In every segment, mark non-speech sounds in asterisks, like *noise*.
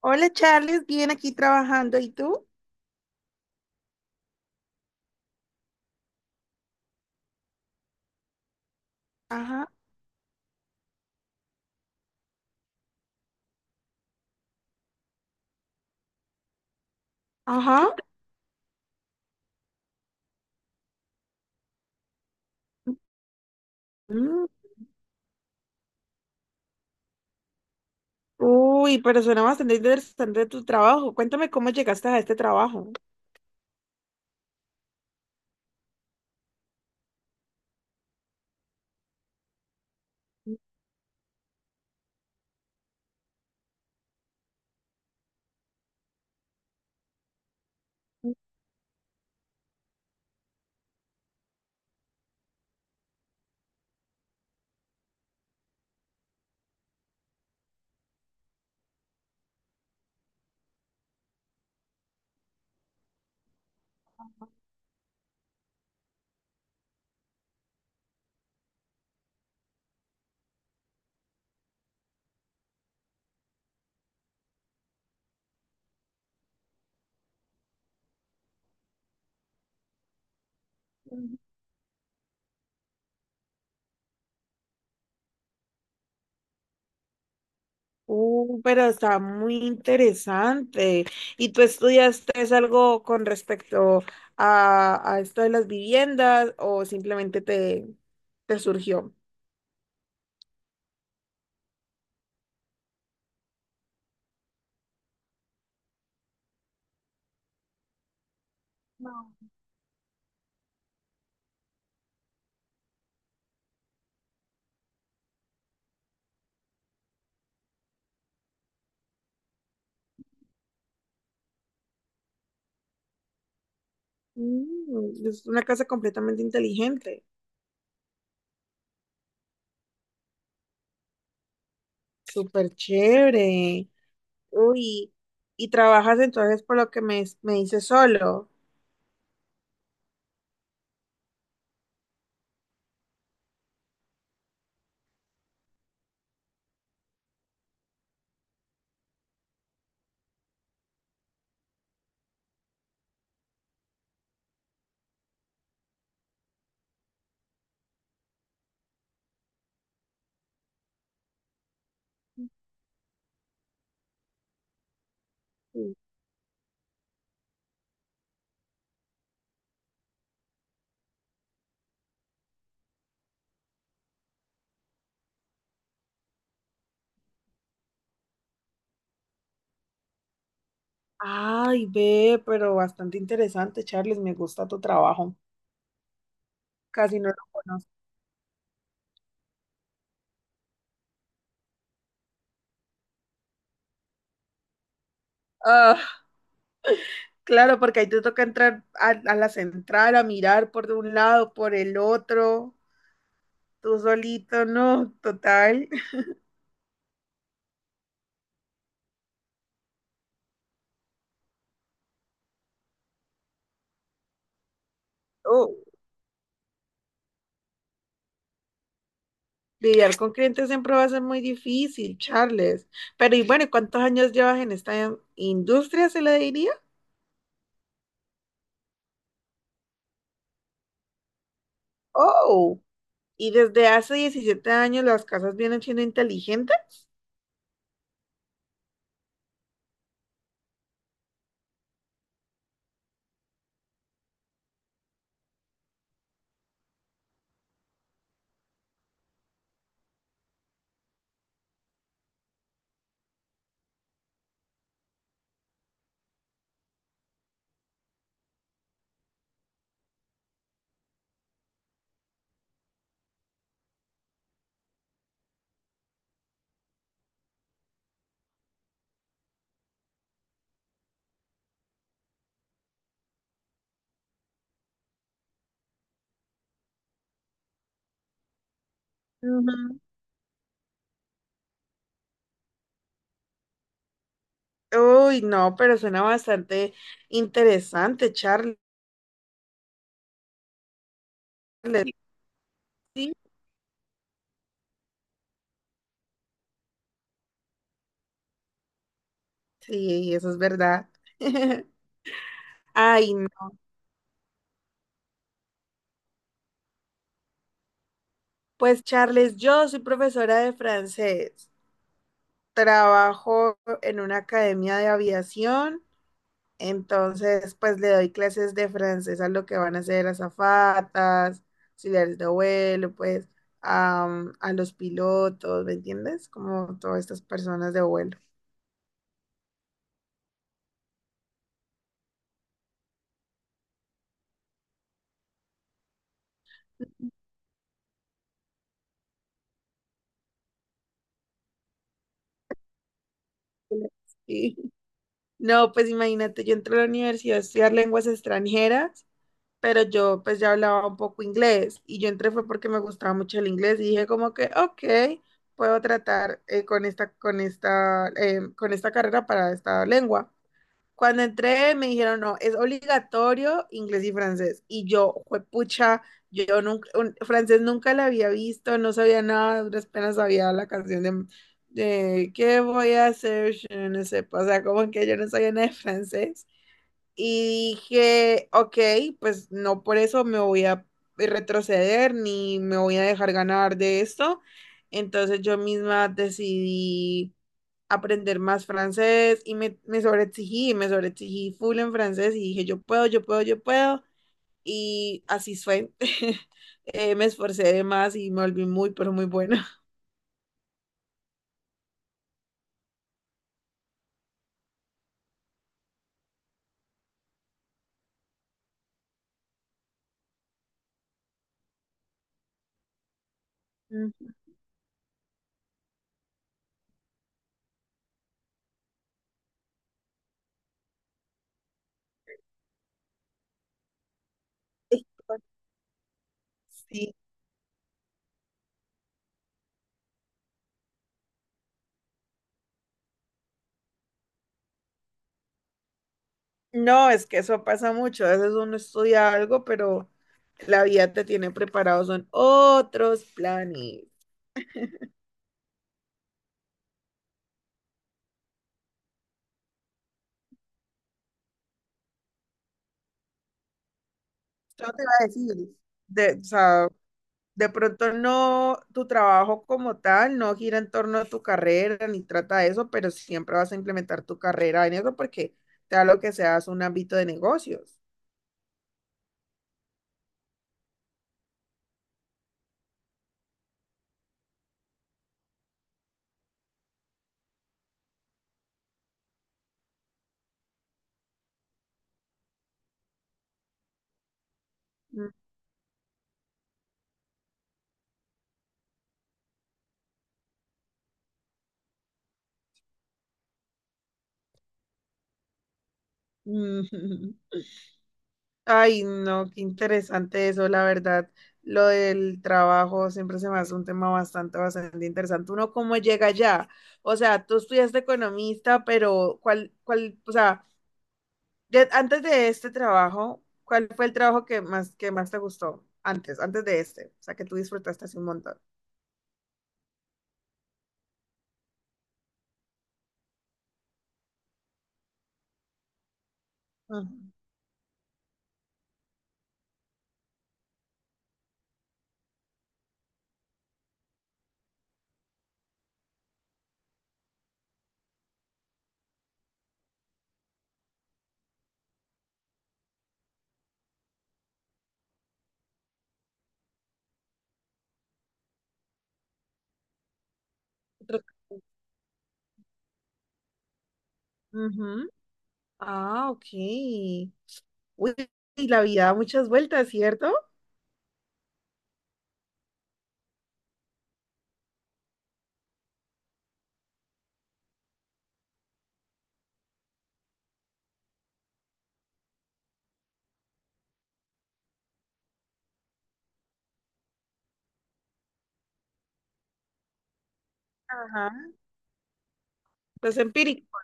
Hola Charles, bien aquí trabajando. ¿Y tú? Ajá, ajá. Mm, Uy, pero suena bastante interesante tu trabajo. Cuéntame cómo llegaste a este trabajo. Mm. Pero está muy interesante. ¿Y tú estudiaste es algo con respecto a esto de las viviendas o simplemente te surgió? No. Es una casa completamente inteligente. Súper chévere. Uy, y trabajas entonces por lo que me dices solo. Sí. Ay, ve, pero bastante interesante, Charles, me gusta tu trabajo. Casi no lo conozco. Ah, claro, porque ahí te toca entrar a la central, a mirar por un lado, por el otro, tú solito, no, total. *laughs* Oh, lidiar con clientes siempre va a ser muy difícil, Charles. Pero y bueno, ¿cuántos años llevas en esta industria, se le diría? Oh. Y desde hace 17 años las casas vienen siendo inteligentes. Ujú. Uy, no, pero suena bastante interesante, Charles. Sí, sí, eso es verdad. *laughs* Ay, no. Pues Charles, yo soy profesora de francés. Trabajo en una academia de aviación. Entonces, pues le doy clases de francés a lo que van a ser azafatas, auxiliares de vuelo, pues a los pilotos, ¿me entiendes? Como todas estas personas de vuelo. *laughs* Sí. No, pues imagínate, yo entré a la universidad a estudiar lenguas extranjeras, pero yo pues ya hablaba un poco inglés y yo entré fue porque me gustaba mucho el inglés y dije como que, ok, puedo tratar con esta carrera para esta lengua. Cuando entré me dijeron, no, es obligatorio inglés y francés. Y yo, pucha, yo nunca, francés nunca la había visto, no sabía nada, apenas sabía la canción de ¿Qué voy a hacer? Yo no sé, o sea, como que yo no sabía nada de francés. Y dije, ok, pues no por eso me voy a retroceder ni me voy a dejar ganar de esto. Entonces yo misma decidí aprender más francés y me sobreexigí, me sobreexigí full en francés y dije, yo puedo, yo puedo, yo puedo. Y así fue. *laughs* Me esforcé de más y me volví muy, pero muy buena. *laughs* Mm. Sí. No, es que eso pasa mucho. A veces uno estudia algo, pero la vida te tiene preparado, son otros planes. Yo te iba a decir, o sea, de pronto no, tu trabajo como tal no gira en torno a tu carrera ni trata de eso, pero siempre vas a implementar tu carrera en eso porque sea lo que seas un ámbito de negocios. *laughs* Ay, no, qué interesante eso, la verdad. Lo del trabajo siempre se me hace un tema bastante, bastante interesante. Uno cómo llega allá. O sea, tú estudiaste economista, pero ¿cuál, o sea, de- antes de este trabajo, ¿cuál fue el trabajo que más, te gustó? Antes, antes de este, o sea, que tú disfrutaste así un montón. Ajá. Otro- Ujú. Ah, ok. Uy, y la vida da muchas vueltas, ¿cierto? Ajá. Los empíricos.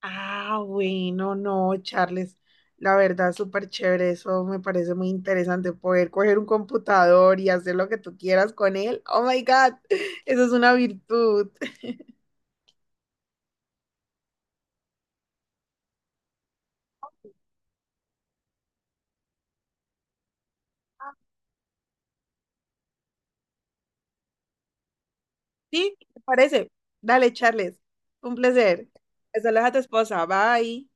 Ah, bueno, no, Charles. La verdad, súper chévere. Eso me parece muy interesante. Poder coger un computador y hacer lo que tú quieras con él. Oh my God. *laughs* Eso es una virtud. *laughs* ¿Sí? ¿Te parece? Dale, Charles. Un placer. Saludos a tu esposa. Bye.